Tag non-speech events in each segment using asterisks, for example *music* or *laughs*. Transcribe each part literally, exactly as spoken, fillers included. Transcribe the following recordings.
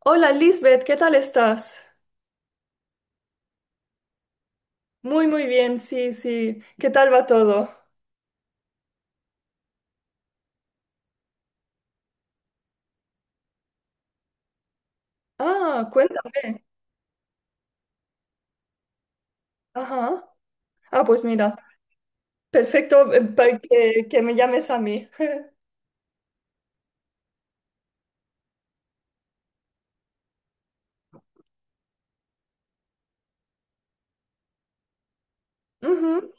Hola Lisbeth, ¿qué tal estás? Muy, muy bien, sí, sí. ¿Qué tal va todo? Ah, cuéntame. Ajá. Ah, pues mira, perfecto eh, para que, que me llames a mí. Ujú.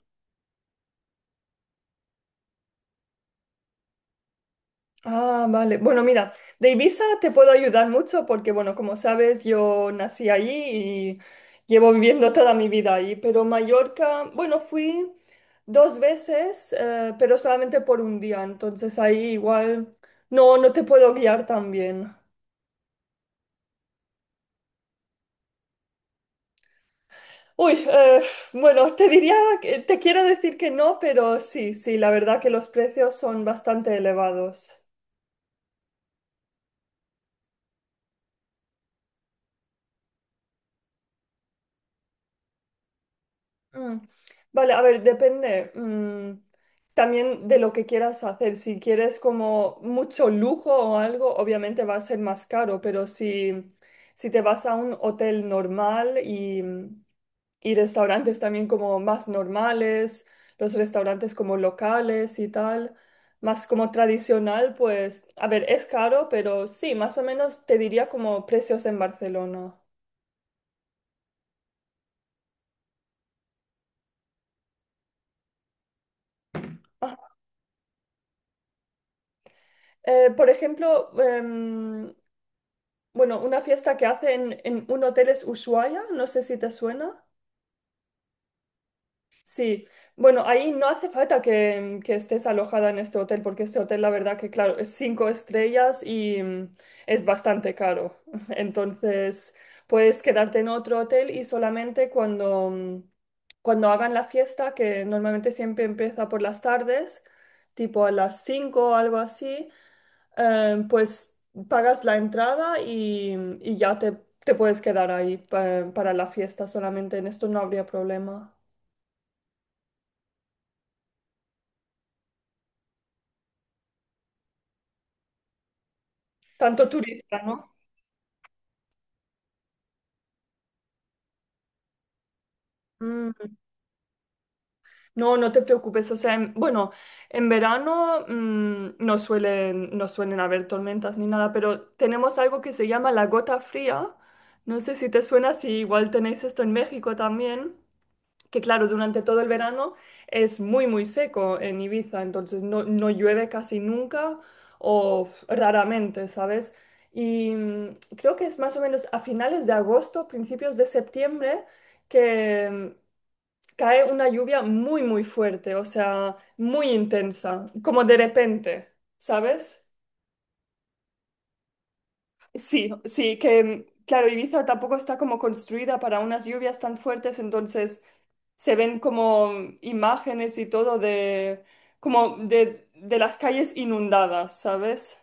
Ah, vale. Bueno, mira, de Ibiza te puedo ayudar mucho porque, bueno, como sabes, yo nací allí y llevo viviendo toda mi vida allí, pero Mallorca, bueno, fui dos veces, eh, pero solamente por un día, entonces ahí igual no, no te puedo guiar tan bien. Uy, eh, bueno, te diría, que- te quiero decir que no, pero sí, sí, la verdad que los precios son bastante elevados. Mm. Vale, a ver, depende mm, también de lo que quieras hacer. Si quieres como mucho lujo o algo, obviamente va a ser más caro, pero si, si te vas a un hotel normal y, y restaurantes también como más normales, los restaurantes como locales y tal, más como tradicional, pues, a ver, es caro, pero sí, más o menos te diría como precios en Barcelona. Ah, eh, por ejemplo, em, bueno, una fiesta que hacen en un hotel es Ushuaia, no sé si te suena. Sí, bueno, ahí no hace falta que, que estés alojada en este hotel, porque este hotel, la verdad que, claro, es cinco estrellas y mm, es bastante caro. *laughs* Entonces, puedes quedarte en otro hotel y solamente cuando, mm, cuando hagan la fiesta, que normalmente siempre empieza por las tardes, tipo a las cinco o algo así eh, pues pagas la entrada y, y ya te, te puedes quedar ahí pa- para la fiesta solamente. En esto no habría problema. Tanto turista, ¿no? Mm, no, no te preocupes. O sea, en- bueno, en verano mm, no suelen, no suelen haber tormentas ni nada, pero tenemos algo que se llama la gota fría. No sé si te suena, si igual tenéis esto en México también. Que claro, durante todo el verano es muy, muy seco en Ibiza, entonces no, no llueve casi nunca o f- raramente, ¿sabes? Y mm, creo que es más o menos a finales de agosto, principios de septiembre, que mm, cae una lluvia muy, muy fuerte, o sea, muy intensa, como de repente, ¿sabes? Sí, sí, que mm, claro, Ibiza tampoco está como construida para unas lluvias tan fuertes, entonces se ven como imágenes y todo de como de, de las calles inundadas, ¿sabes?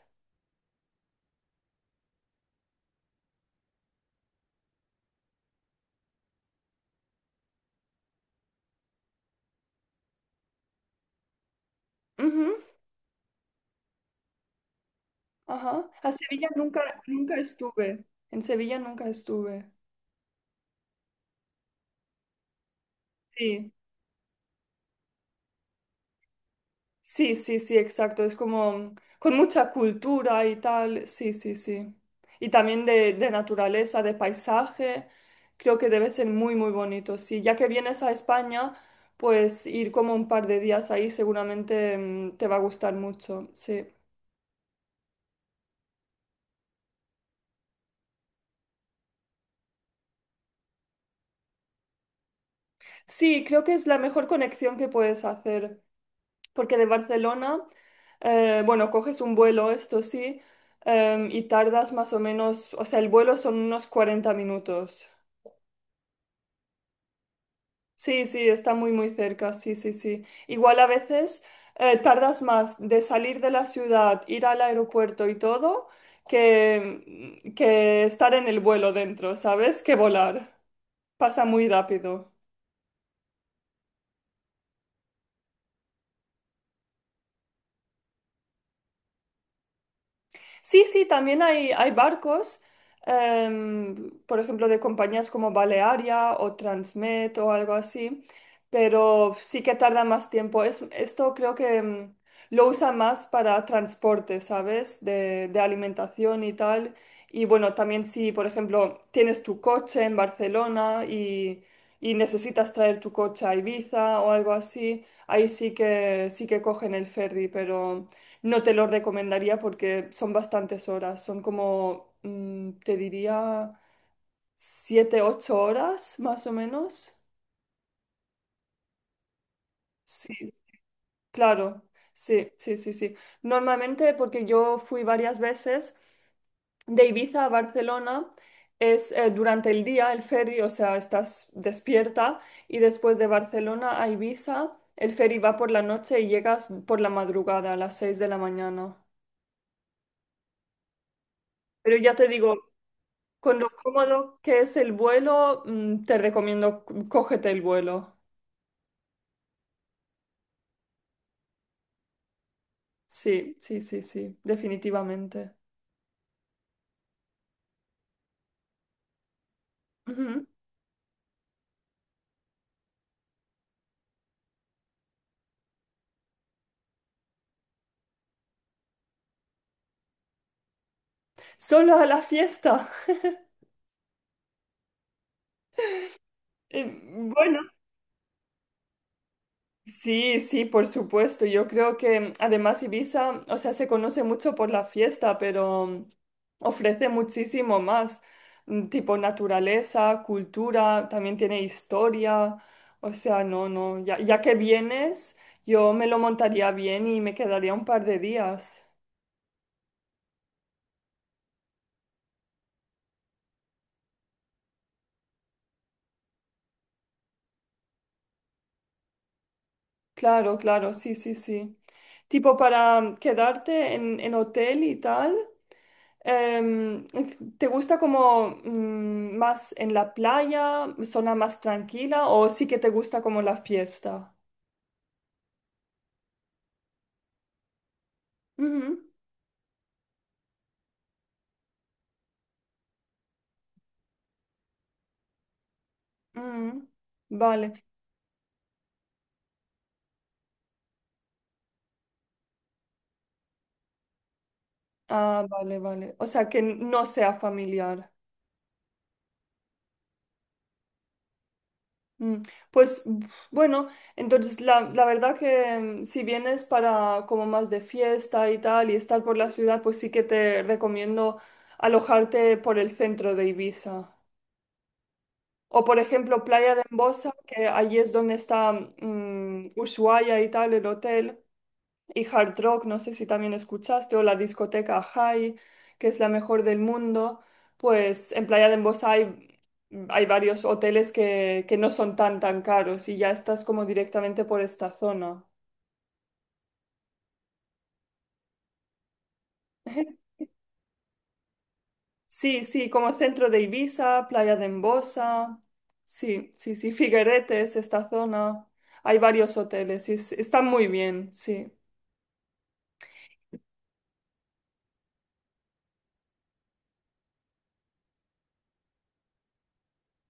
Ujú, ajá. A Sevilla nunca, nunca estuve. En Sevilla nunca estuve. Sí, sí, sí, sí, exacto. Es como con mucha cultura y tal. Sí, sí, sí. Y también de, de naturaleza, de paisaje. Creo que debe ser muy, muy bonito. Sí, ya que vienes a España, pues ir como un par de días ahí seguramente mm, te va a gustar mucho. Sí. Sí, creo que es la mejor conexión que puedes hacer, porque de Barcelona, eh, bueno, coges un vuelo, esto sí, em, y tardas más o menos, o sea, el vuelo son unos cuarenta minutos. Sí, sí, está muy, muy cerca, sí, sí, sí. Igual a veces eh, tardas más de salir de la ciudad, ir al aeropuerto y todo, que, que estar en el vuelo dentro, ¿sabes? Que volar. Pasa muy rápido. Sí, sí, también hay, hay barcos, em, por ejemplo, de compañías como Balearia o Transmet o algo así, pero sí que tarda más tiempo. Es, esto creo que em, lo usa más para transporte, ¿sabes? De, de alimentación y tal. Y bueno, también si, por ejemplo, tienes tu coche en Barcelona y, y necesitas traer tu coche a Ibiza o algo así, ahí sí que, sí que cogen el ferry, pero no te lo recomendaría porque son bastantes horas, son como, mm, te diría, siete, ocho horas más o menos. Sí, claro, sí, sí, sí, sí. Normalmente, porque yo fui varias veces de Ibiza a Barcelona, es eh, durante el día el ferry, o sea, estás despierta y después de Barcelona a Ibiza, el ferry va por la noche y llegas por la madrugada a las seis de la mañana. Pero ya te digo, con lo cómodo que es el vuelo, mm, te recomiendo c- cógete el vuelo. Sí, sí, sí, sí, definitivamente. Ujú. Solo a la fiesta. *laughs* Eh, Bueno. Sí, sí, por supuesto. Yo creo que además Ibiza, o sea, se conoce mucho por la fiesta, pero ofrece muchísimo más, mm, tipo naturaleza, cultura, también tiene historia. O sea, no, no, ya, ya que vienes, yo me lo montaría bien y me quedaría un par de días. Claro, claro, sí, sí, sí. Tipo para quedarte en, en hotel y tal. em, ¿Te gusta como mm, más en la playa, zona más tranquila o sí que te gusta como la fiesta? Ujú, ujú. Vale, ah, vale, vale. O sea, que no sea familiar. Mm, Pues uf, bueno, entonces la, la verdad que mm, si vienes para como más de fiesta y tal y estar por la ciudad, pues sí que te recomiendo alojarte por el centro de Ibiza. O por ejemplo, Playa de Embosa, que allí es donde está mm, Ushuaia y tal, el hotel y Hard Rock, no sé si también escuchaste, o la discoteca High, que es la mejor del mundo, pues en Playa de Embosa hay, hay varios hoteles que, que no son tan tan caros y ya estás como directamente por esta zona. *laughs* Sí, sí, como centro de Ibiza, Playa de Embosa, sí, sí, sí, Figueretes, esta zona, hay varios hoteles y es- están muy bien, sí.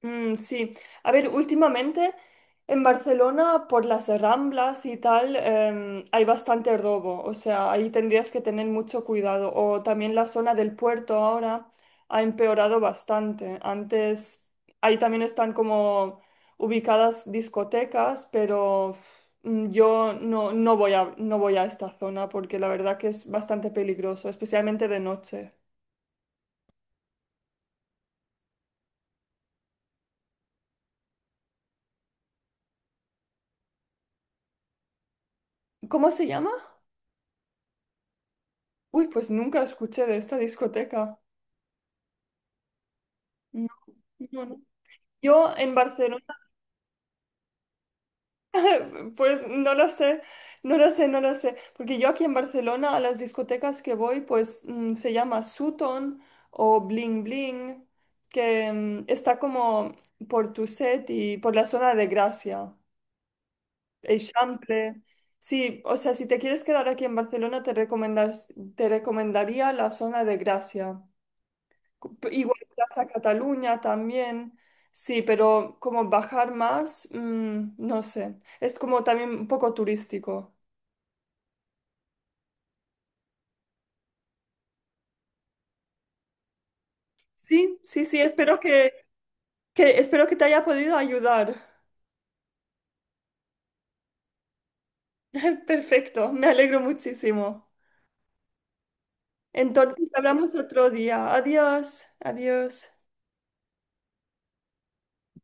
Mm, sí, a ver, últimamente en Barcelona por las Ramblas y tal em, hay bastante robo, o sea, ahí tendrías que tener mucho cuidado. O también la zona del puerto ahora ha empeorado bastante. Antes ahí también están como ubicadas discotecas, pero mm, yo no, no voy a, no voy a esta zona porque la verdad que es bastante peligroso, especialmente de noche. ¿Cómo se llama? Uy, pues nunca escuché de esta discoteca. No, no. Yo en Barcelona, *laughs* pues no lo sé, no lo sé, no lo sé, porque yo aquí en Barcelona a las discotecas que voy, pues mm, se llama Sutton o Bling Bling, que mm, está como por Tuset y por la zona de Gracia, Eixample. Sí, o sea, si te quieres quedar aquí en Barcelona, te recomendas- te recomendaría la zona de Gracia. Igual Plaza Cataluña también. Sí, pero como bajar más, mm, no sé. Es como también un poco turístico. Sí, sí, sí, espero que, que, espero que te haya podido ayudar. *laughs* Perfecto, me alegro muchísimo. Entonces hablamos otro día. Adiós, adiós.